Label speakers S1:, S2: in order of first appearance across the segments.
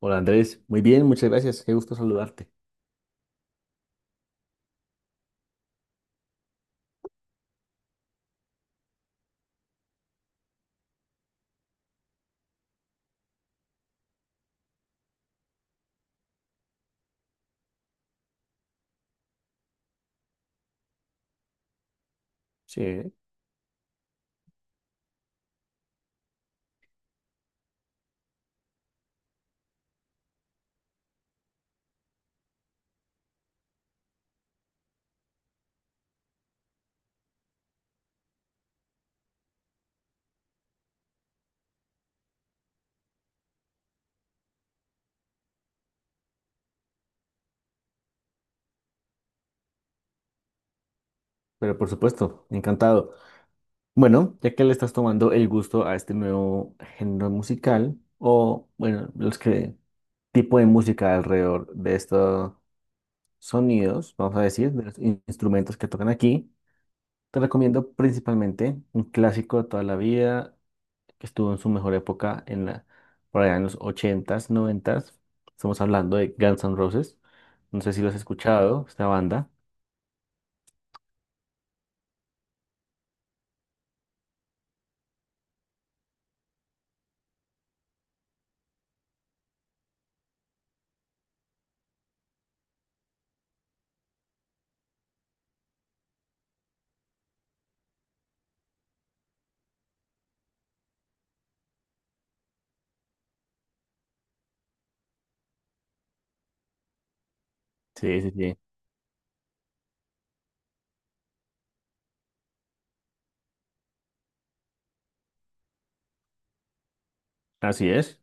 S1: Hola Andrés, muy bien, muchas gracias, qué gusto saludarte. Sí, pero por supuesto, encantado. Bueno, ya que le estás tomando el gusto a este nuevo género musical, o bueno, los que tipo de música alrededor de estos sonidos, vamos a decir, de los instrumentos que tocan aquí, te recomiendo principalmente un clásico de toda la vida que estuvo en su mejor época en la, por allá en los ochentas, noventas. Estamos hablando de Guns N' Roses. No sé si lo has escuchado, esta banda. Sí, sí, sí. Así es.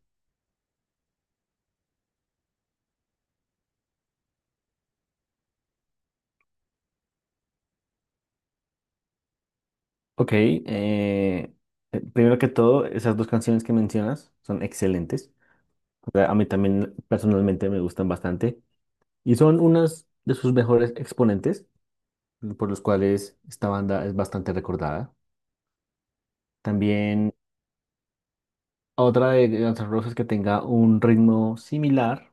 S1: Ok. Primero que todo, esas dos canciones que mencionas son excelentes. O sea, a mí también personalmente me gustan bastante. Y son unas de sus mejores exponentes, por los cuales esta banda es bastante recordada. También otra de Guns N' Roses que tenga un ritmo similar,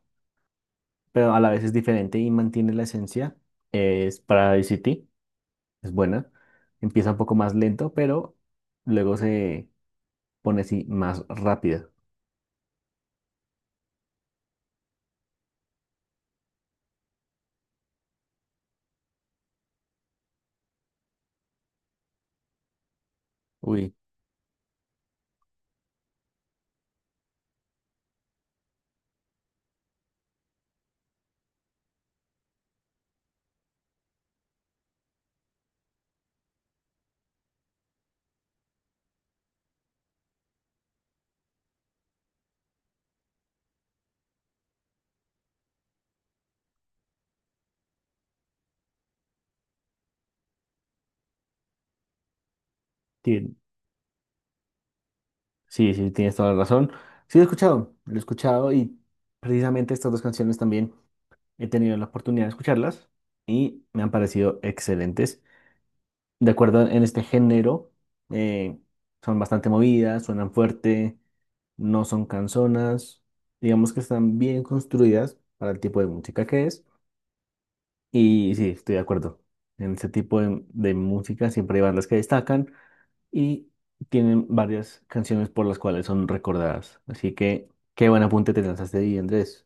S1: pero a la vez es diferente y mantiene la esencia, es Paradise City. Es buena. Empieza un poco más lento, pero luego se pone así más rápida. Uy, tien- sí, sí, tienes toda la razón. Sí, lo he escuchado y precisamente estas dos canciones también he tenido la oportunidad de escucharlas y me han parecido excelentes. De acuerdo en este género, eh, son bastante movidas, suenan fuerte, no son canzonas, digamos que están bien construidas para el tipo de música que es. Y sí, estoy de acuerdo. En este tipo de música siempre hay bandas que destacan y tienen varias canciones por las cuales son recordadas. Así que qué buen apunte te lanzaste ahí, Andrés.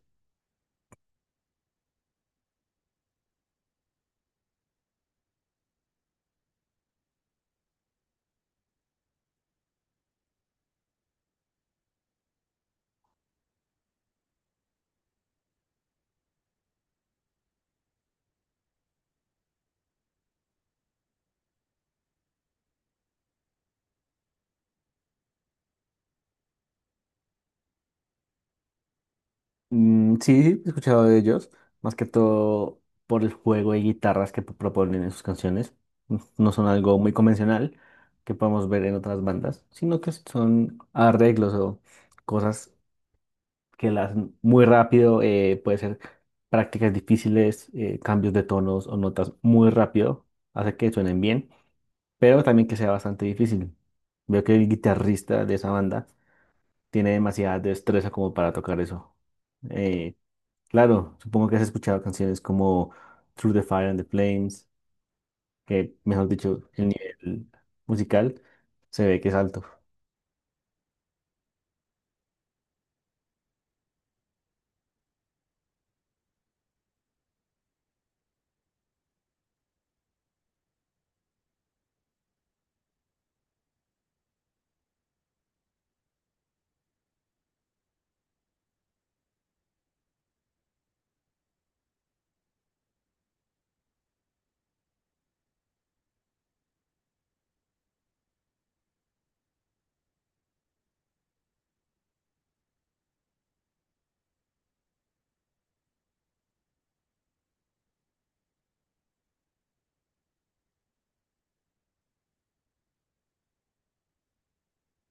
S1: Mm, sí, sí, he escuchado de ellos, más que todo por el juego de guitarras que proponen en sus canciones. No son algo muy convencional que podemos ver en otras bandas, sino que son arreglos o cosas que las hacen muy rápido, puede ser prácticas difíciles, cambios de tonos o notas muy rápido, hace que suenen bien. Pero también que sea bastante difícil. Veo que el guitarrista de esa banda tiene demasiada destreza como para tocar eso. Eh, claro, supongo que has escuchado canciones como Through the Fire and the Flames, que mejor dicho, el nivel musical se ve que es alto.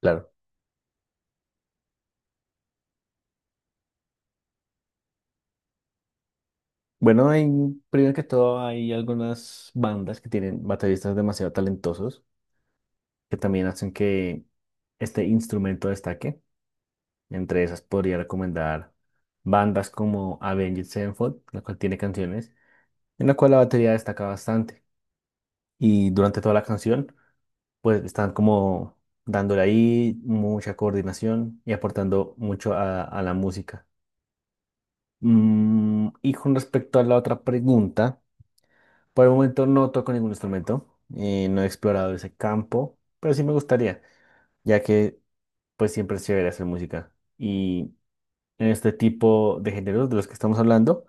S1: Claro. Bueno, primero que todo hay algunas bandas que tienen bateristas demasiado talentosos que también hacen que este instrumento destaque. Entre esas podría recomendar bandas como Avenged Sevenfold, la cual tiene canciones, en la cual la batería destaca bastante. Y durante toda la canción, pues están como dándole ahí mucha coordinación y aportando mucho a la música. Mm, y con respecto a la otra pregunta, por el momento no toco ningún instrumento, no he explorado ese campo, pero sí me gustaría, ya que pues siempre es chévere hacer música. Y en este tipo de géneros de los que estamos hablando,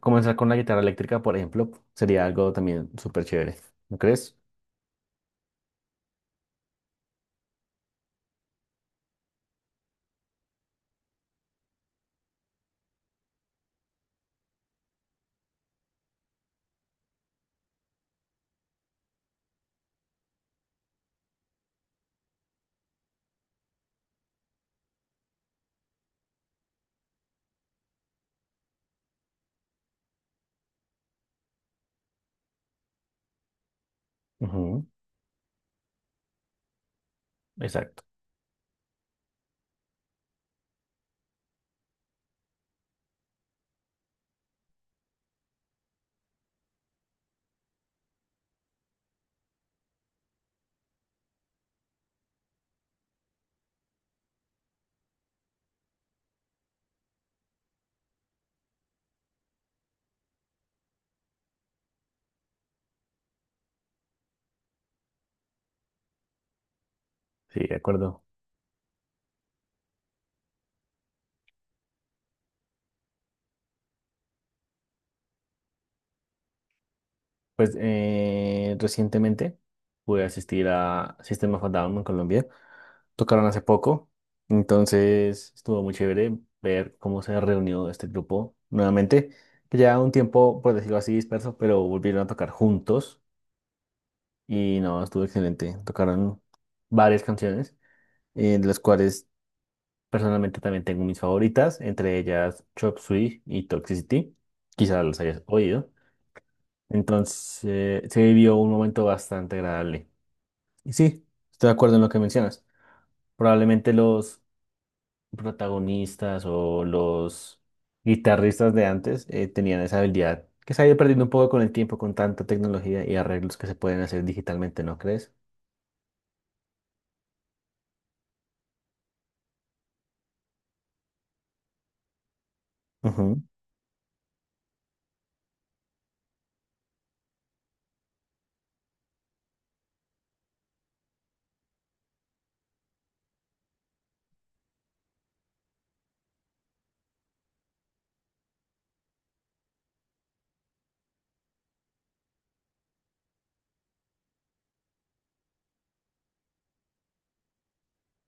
S1: comenzar con la guitarra eléctrica, por ejemplo, sería algo también súper chévere, ¿no crees? Ujú, exacto, sí, de acuerdo. Pues recientemente pude asistir a System of a Down en Colombia. Tocaron hace poco, entonces estuvo muy chévere ver cómo se reunió este grupo nuevamente, que ya un tiempo, por decirlo así, disperso, pero volvieron a tocar juntos y no, estuvo excelente. Tocaron varias canciones, de las cuales personalmente también tengo mis favoritas, entre ellas Chop Suey y Toxicity. Quizás las hayas oído. Entonces, se vivió un momento bastante agradable. Y sí, estoy de acuerdo en lo que mencionas. Probablemente los protagonistas o los guitarristas de antes tenían esa habilidad que se ha ido perdiendo un poco con el tiempo, con tanta tecnología y arreglos que se pueden hacer digitalmente, ¿no crees? Ujú.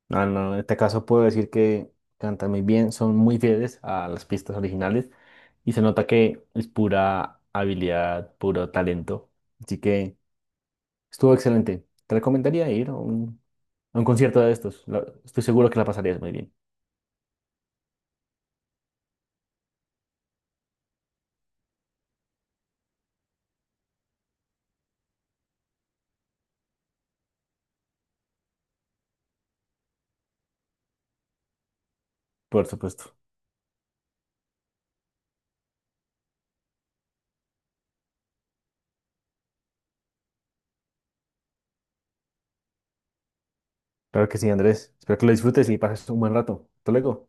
S1: No, no, en este caso puedo decir que cantan muy bien, son muy fieles a las pistas originales y se nota que es pura habilidad, puro talento. Así que estuvo excelente. Te recomendaría ir a a un concierto de estos. Estoy seguro que la pasarías muy bien, por supuesto. Claro que sí, Andrés. Espero que lo disfrutes y pases un buen rato. Hasta luego.